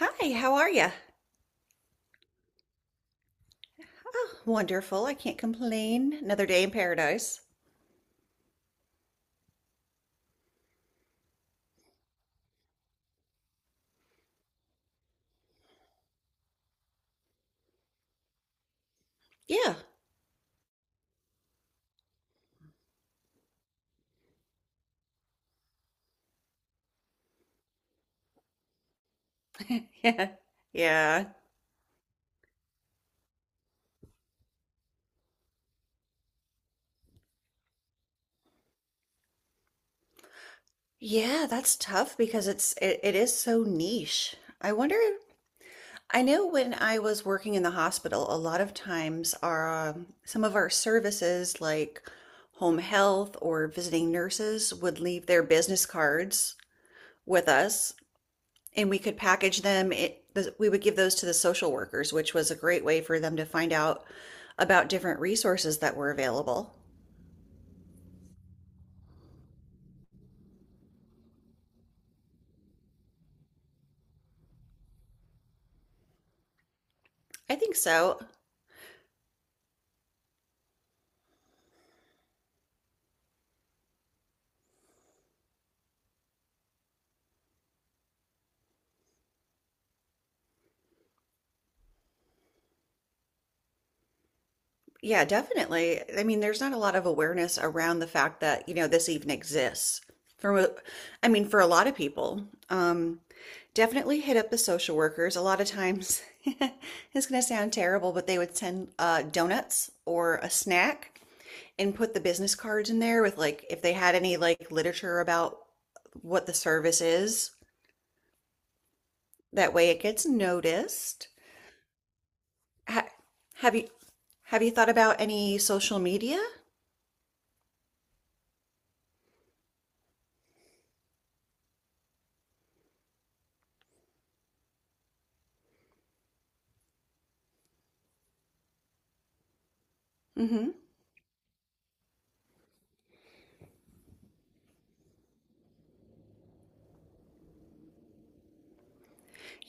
Hi, how are you? Oh, wonderful. I can't complain. Another day in paradise. Yeah. Yeah. Yeah. Yeah, that's tough because it is so niche. I wonder, I know when I was working in the hospital, a lot of times our some of our services like home health or visiting nurses would leave their business cards with us and we could package them. It We would give those to the social workers, which was a great way for them to find out about different resources that were available. I think so. Yeah, definitely. I mean, there's not a lot of awareness around the fact that, you know, this even exists. For I mean, for a lot of people, definitely hit up the social workers. A lot of times, it's going to sound terrible, but they would send donuts or a snack and put the business cards in there with, like, if they had any like literature about what the service is. That way it gets noticed. Ha- have you have you thought about any social media? Mm-hmm.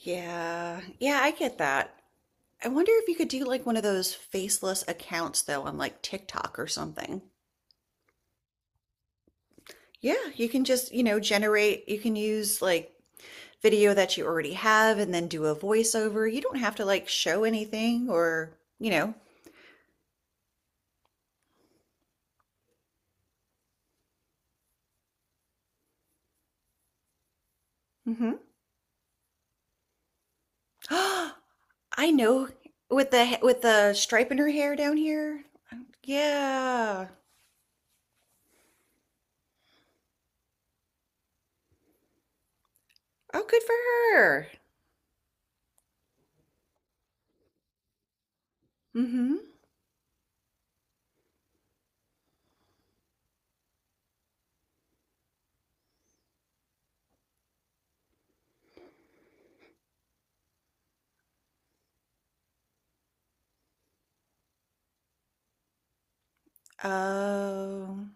Yeah. Yeah, I get that. I wonder if you could do like one of those faceless accounts though on like TikTok or something. Yeah, you can just, you know, generate, you can use like video that you already have and then do a voiceover. You don't have to like show anything or, you know. Hmm. I know with the stripe in her hair down here. Yeah. Oh, good for her. Mm-hmm. Oh,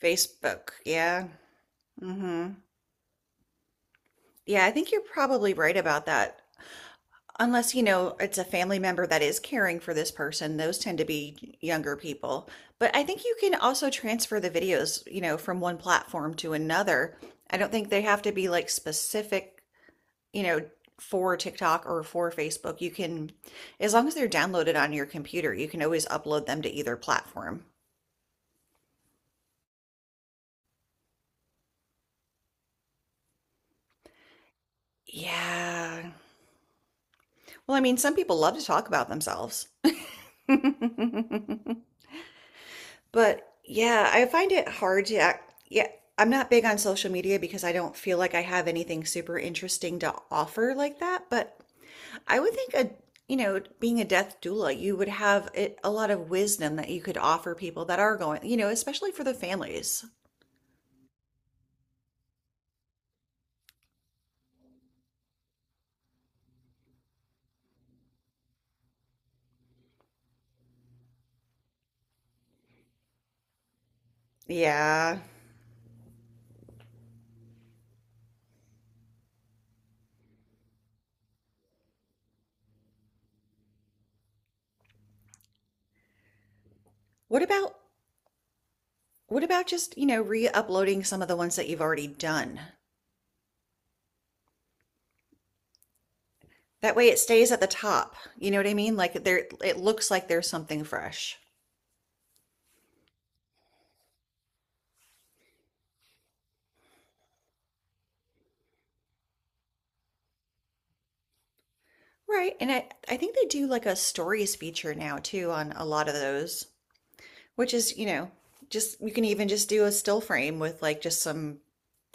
Facebook. Yeah. Mm-hmm. Yeah, I think you're probably right about that. Unless, you know, it's a family member that is caring for this person, those tend to be younger people. But I think you can also transfer the videos, you know, from one platform to another. I don't think they have to be like specific, you know, for TikTok or for Facebook, you can, as long as they're downloaded on your computer, you can always upload them to either platform. Yeah. Well, I mean, some people love to talk about themselves. But yeah, I find it hard to act. Yeah, I'm not big on social media because I don't feel like I have anything super interesting to offer like that. But I would think a, you know, being a death doula, you would have it, a lot of wisdom that you could offer people that are going, you know, especially for the families. Yeah. What about what about just, you know, re-uploading some of the ones that you've already done? That way it stays at the top. You know what I mean? Like there it looks like there's something fresh. Right. And I think they do like a stories feature now too on a lot of those, which is, you know, just you can even just do a still frame with like just some,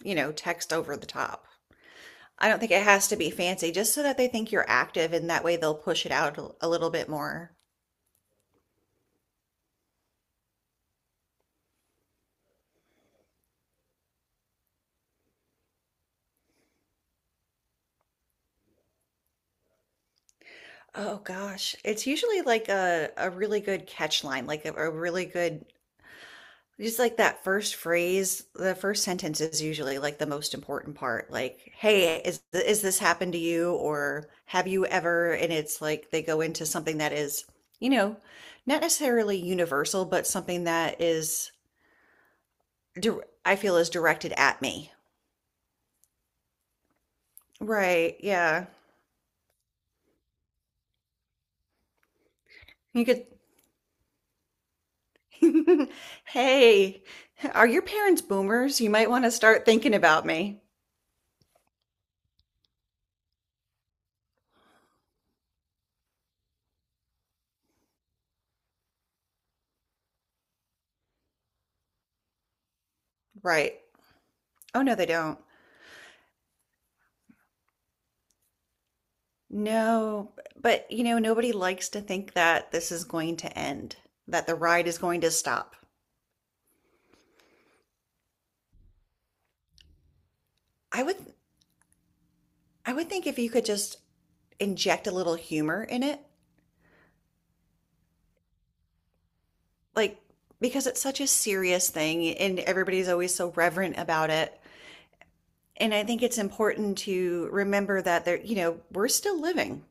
you know, text over the top. I don't think it has to be fancy, just so that they think you're active and that way they'll push it out a little bit more. Oh gosh, it's usually like a really good catch line, like a really good just like that first phrase, the first sentence is usually like the most important part. Like, hey, is this happened to you or have you ever? And it's like they go into something that is, you know, not necessarily universal, but something that is I feel is directed at me. Right, yeah. You could hey, are your parents boomers? You might want to start thinking about me. Right. Oh, no, they don't. No, but you know, nobody likes to think that this is going to end, that the ride is going to stop. I would I would think if you could just inject a little humor in it, like because it's such a serious thing and everybody's always so reverent about it. And I think it's important to remember that there, you know, we're still living.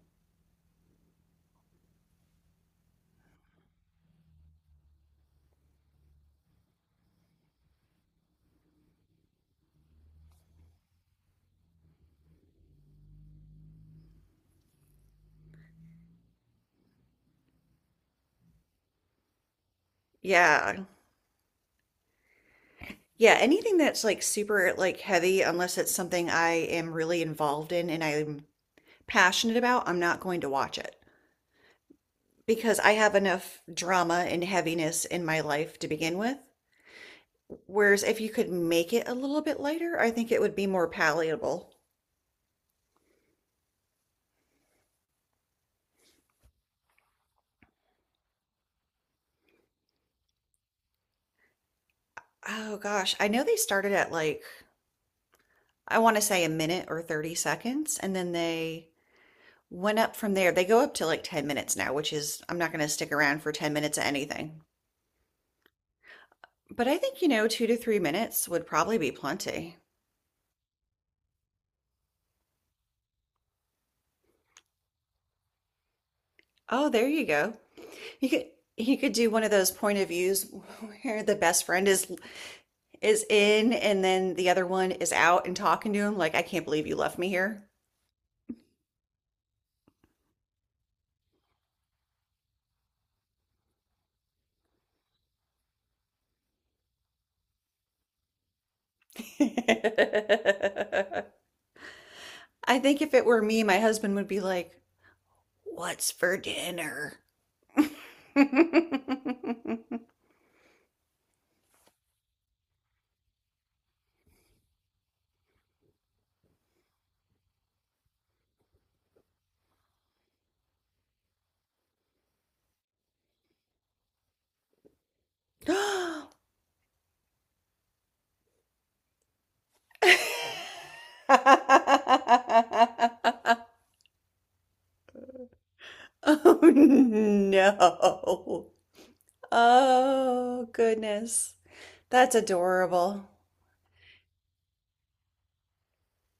Yeah. Yeah, anything that's like super like heavy, unless it's something I am really involved in and I'm passionate about, I'm not going to watch it because I have enough drama and heaviness in my life to begin with. Whereas if you could make it a little bit lighter, I think it would be more palatable. Oh gosh, I know they started at like, I want to say a minute or 30 seconds, and then they went up from there. They go up to like 10 minutes now, which is, I'm not going to stick around for 10 minutes of anything. But I think, you know, 2 to 3 minutes would probably be plenty. Oh, there you go. He could he could do one of those point of views where the best friend is in and then the other one is out and talking to him like I can't believe you left me here. I think if it were me, my husband would be like, "What's for dinner?" Oh no. Oh goodness. That's adorable.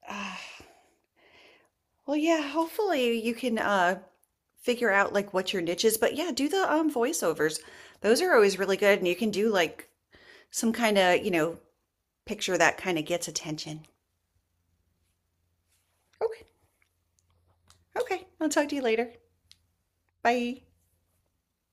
Well, yeah, hopefully you can figure out like what your niche is, but yeah, do the voiceovers. Those are always really good and you can do like some kind of, you know, picture that kind of gets attention. Okay. Okay. I'll talk to you later. Bye.